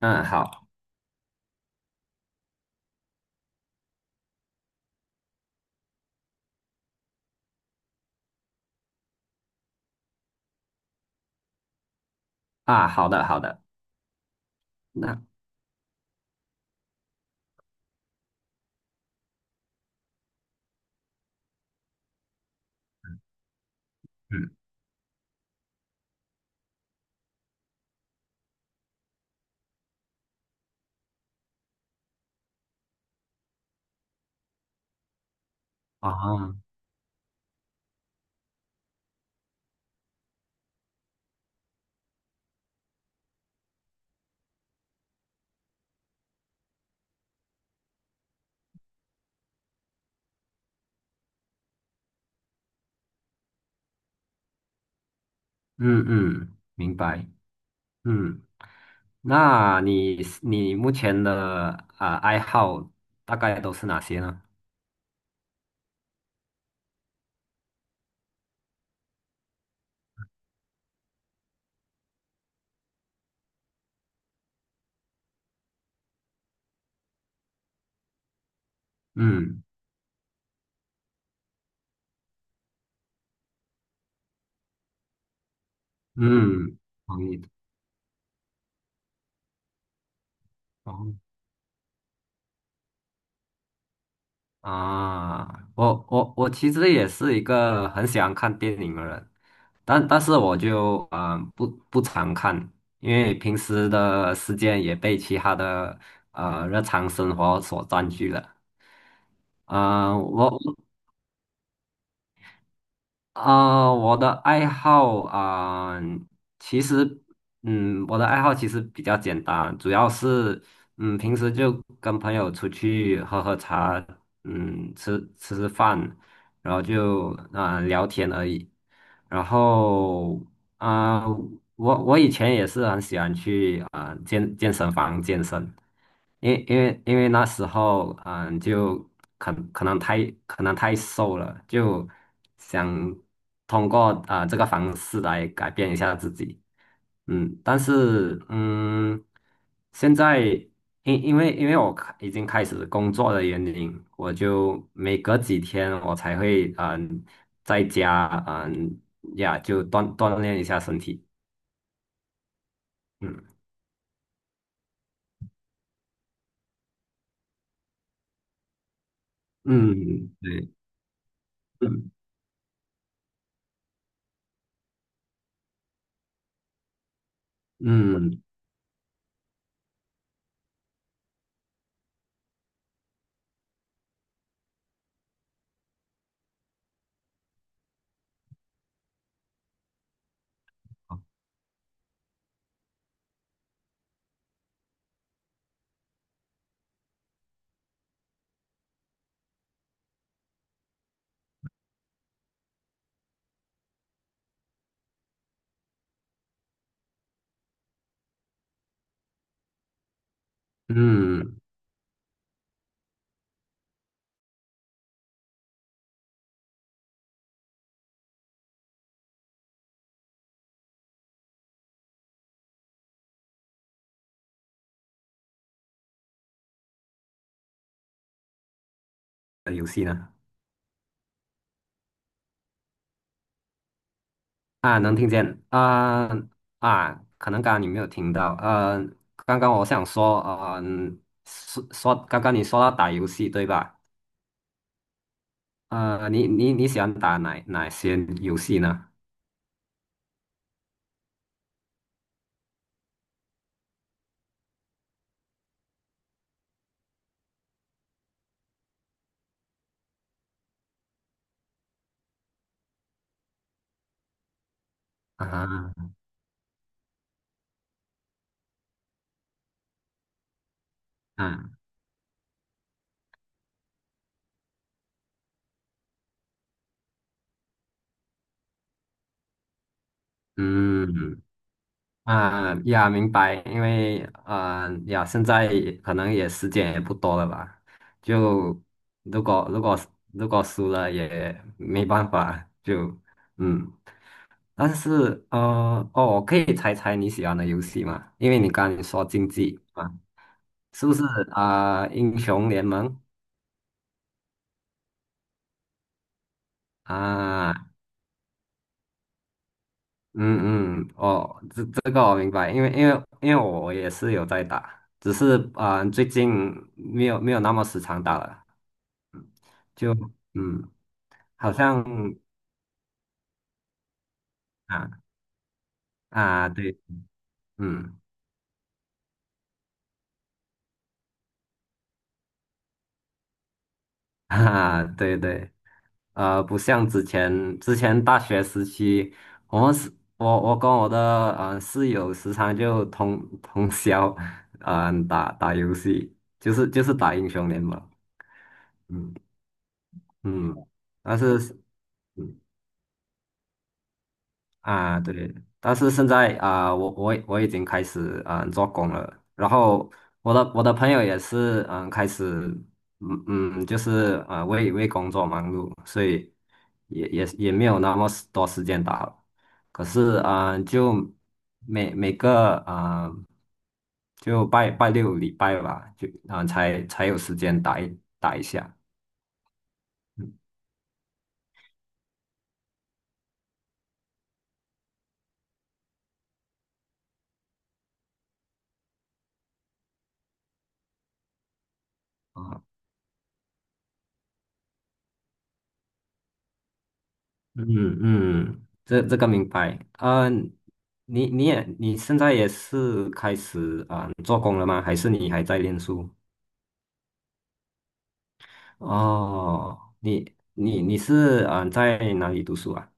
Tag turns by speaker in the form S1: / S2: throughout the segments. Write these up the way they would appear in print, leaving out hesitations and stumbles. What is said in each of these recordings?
S1: 嗯，好。啊，好的，好的，那嗯啊，嗯嗯，明白。嗯，那你目前的爱好大概都是哪些呢？嗯嗯，同意的。同意。啊，我其实也是一个很喜欢看电影的人，但是我就不常看，因为平时的时间也被其他的啊日常生活所占据了。我。我的爱好啊、其实，嗯，我的爱好其实比较简单，主要是，嗯，平时就跟朋友出去喝喝茶，嗯，吃吃饭，然后就聊天而已。然后啊、我以前也是很喜欢去健身房健身。因为那时候，嗯，就可能太瘦了，就想通过这个方式来改变一下自己，嗯，但是嗯，现在因为我已经开始工作的原因，我就每隔几天我才会在家就锻炼一下身体。嗯嗯对。嗯嗯嗯，呃游戏呢？啊，能听见啊。啊，可能刚刚你没有听到，呃，刚刚我想说，呃，说刚刚你说到打游戏对吧？呃，你喜欢打哪些游戏呢？啊。啊。嗯。啊呀，明白，因为呃呀，现在可能也时间也不多了吧，就如果如果如果输了也没办法，就嗯。但是呃，哦，我可以猜猜你喜欢的游戏吗？因为你刚才说竞技啊，是不是英雄联盟？啊，嗯嗯，哦，这个我明白，因为我也是有在打，只是最近没有那么时常打了，嗯就嗯，好像啊。啊对，嗯。 啊对对，呃，不像之前大学时期，我们是，我我跟我的室友时常就通通宵，打打游戏，就是打英雄联盟，嗯嗯，但是嗯对，但是现在啊，我我已经开始嗯做工了，然后我的朋友也是嗯开始就是啊为工作忙碌，所以也也没有那么多时间打了。可是啊，就每个就拜六礼拜吧，就才才有时间打一下。嗯嗯。嗯，这个明白。嗯、你现在也是开始做工了吗？还是你还在念书？哦，你是在哪里读书啊？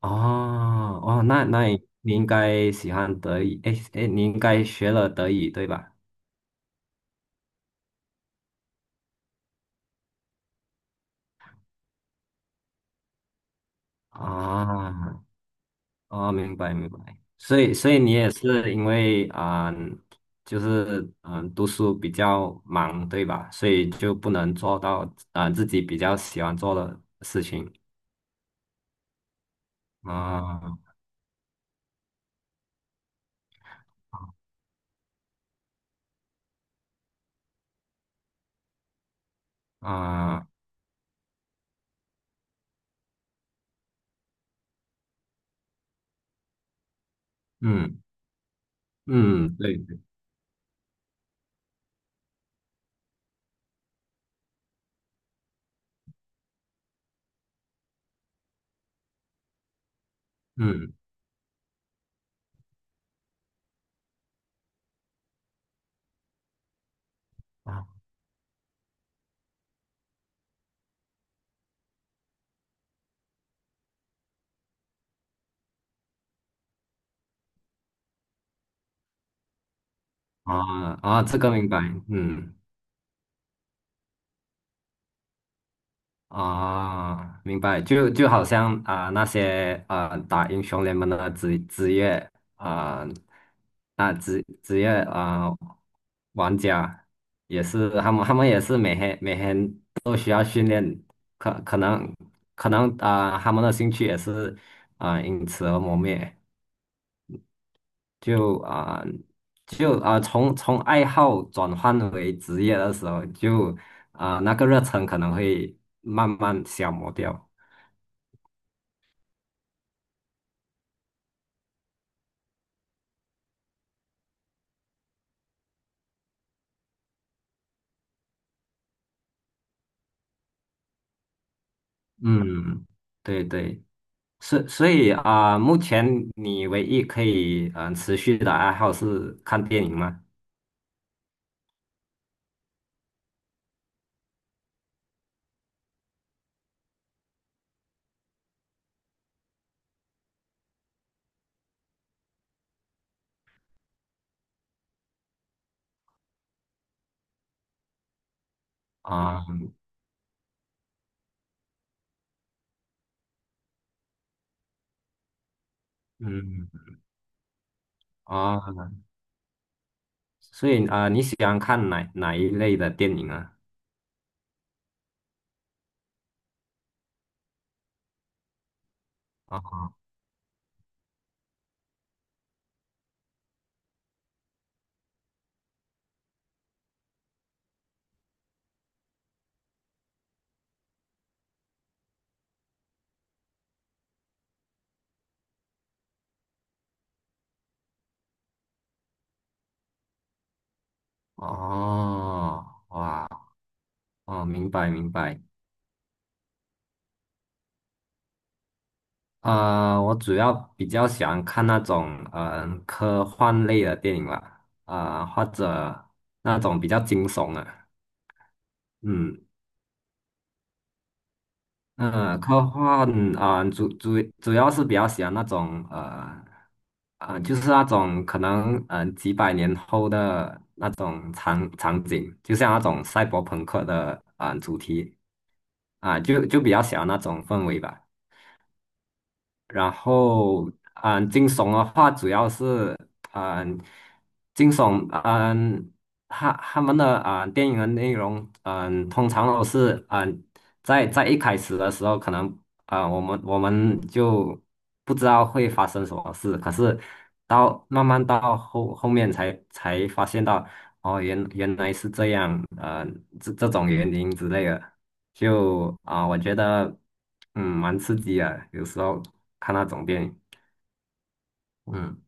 S1: 哦哦，那你应该喜欢德语，诶你应该学了德语对吧？啊。哦，明白明白，所以你也是因为就是读书比较忙，对吧？所以就不能做到自己比较喜欢做的事情。啊。啊、嗯嗯，对对，嗯。啊啊。啊，这个明白，嗯。啊，明白，就就好像那些打英雄联盟的职业。啊啊、职职业啊、呃玩家也是，他们也是每天每天都需要训练，可可能可能他们的兴趣也是因此而磨灭，就啊、就啊、从爱好转换为职业的时候，就那个热忱可能会慢慢消磨掉。嗯，对对，所以目前你唯一可以持续的爱好是看电影吗？啊、嗯。啊、所以你喜欢看哪一类的电影啊？啊。哦哇。哦，明白明白。我主要比较喜欢看那种科幻类的电影吧，或者那种比较惊悚的，嗯。嗯，科幻主要是比较喜欢那种就是那种可能几百年后的那种场景，就像那种赛博朋克的主题就比较喜欢那种氛围吧。然后，嗯，惊悚的话主要是，嗯，惊悚，嗯，他们的电影的内容，嗯，通常都是，嗯，在一开始的时候，可能我们就不知道会发生什么事，可是慢慢到后面才发现到，哦，原来是这样，呃，这种原因之类的。就我觉得嗯蛮刺激啊，有时候看那种电影，嗯。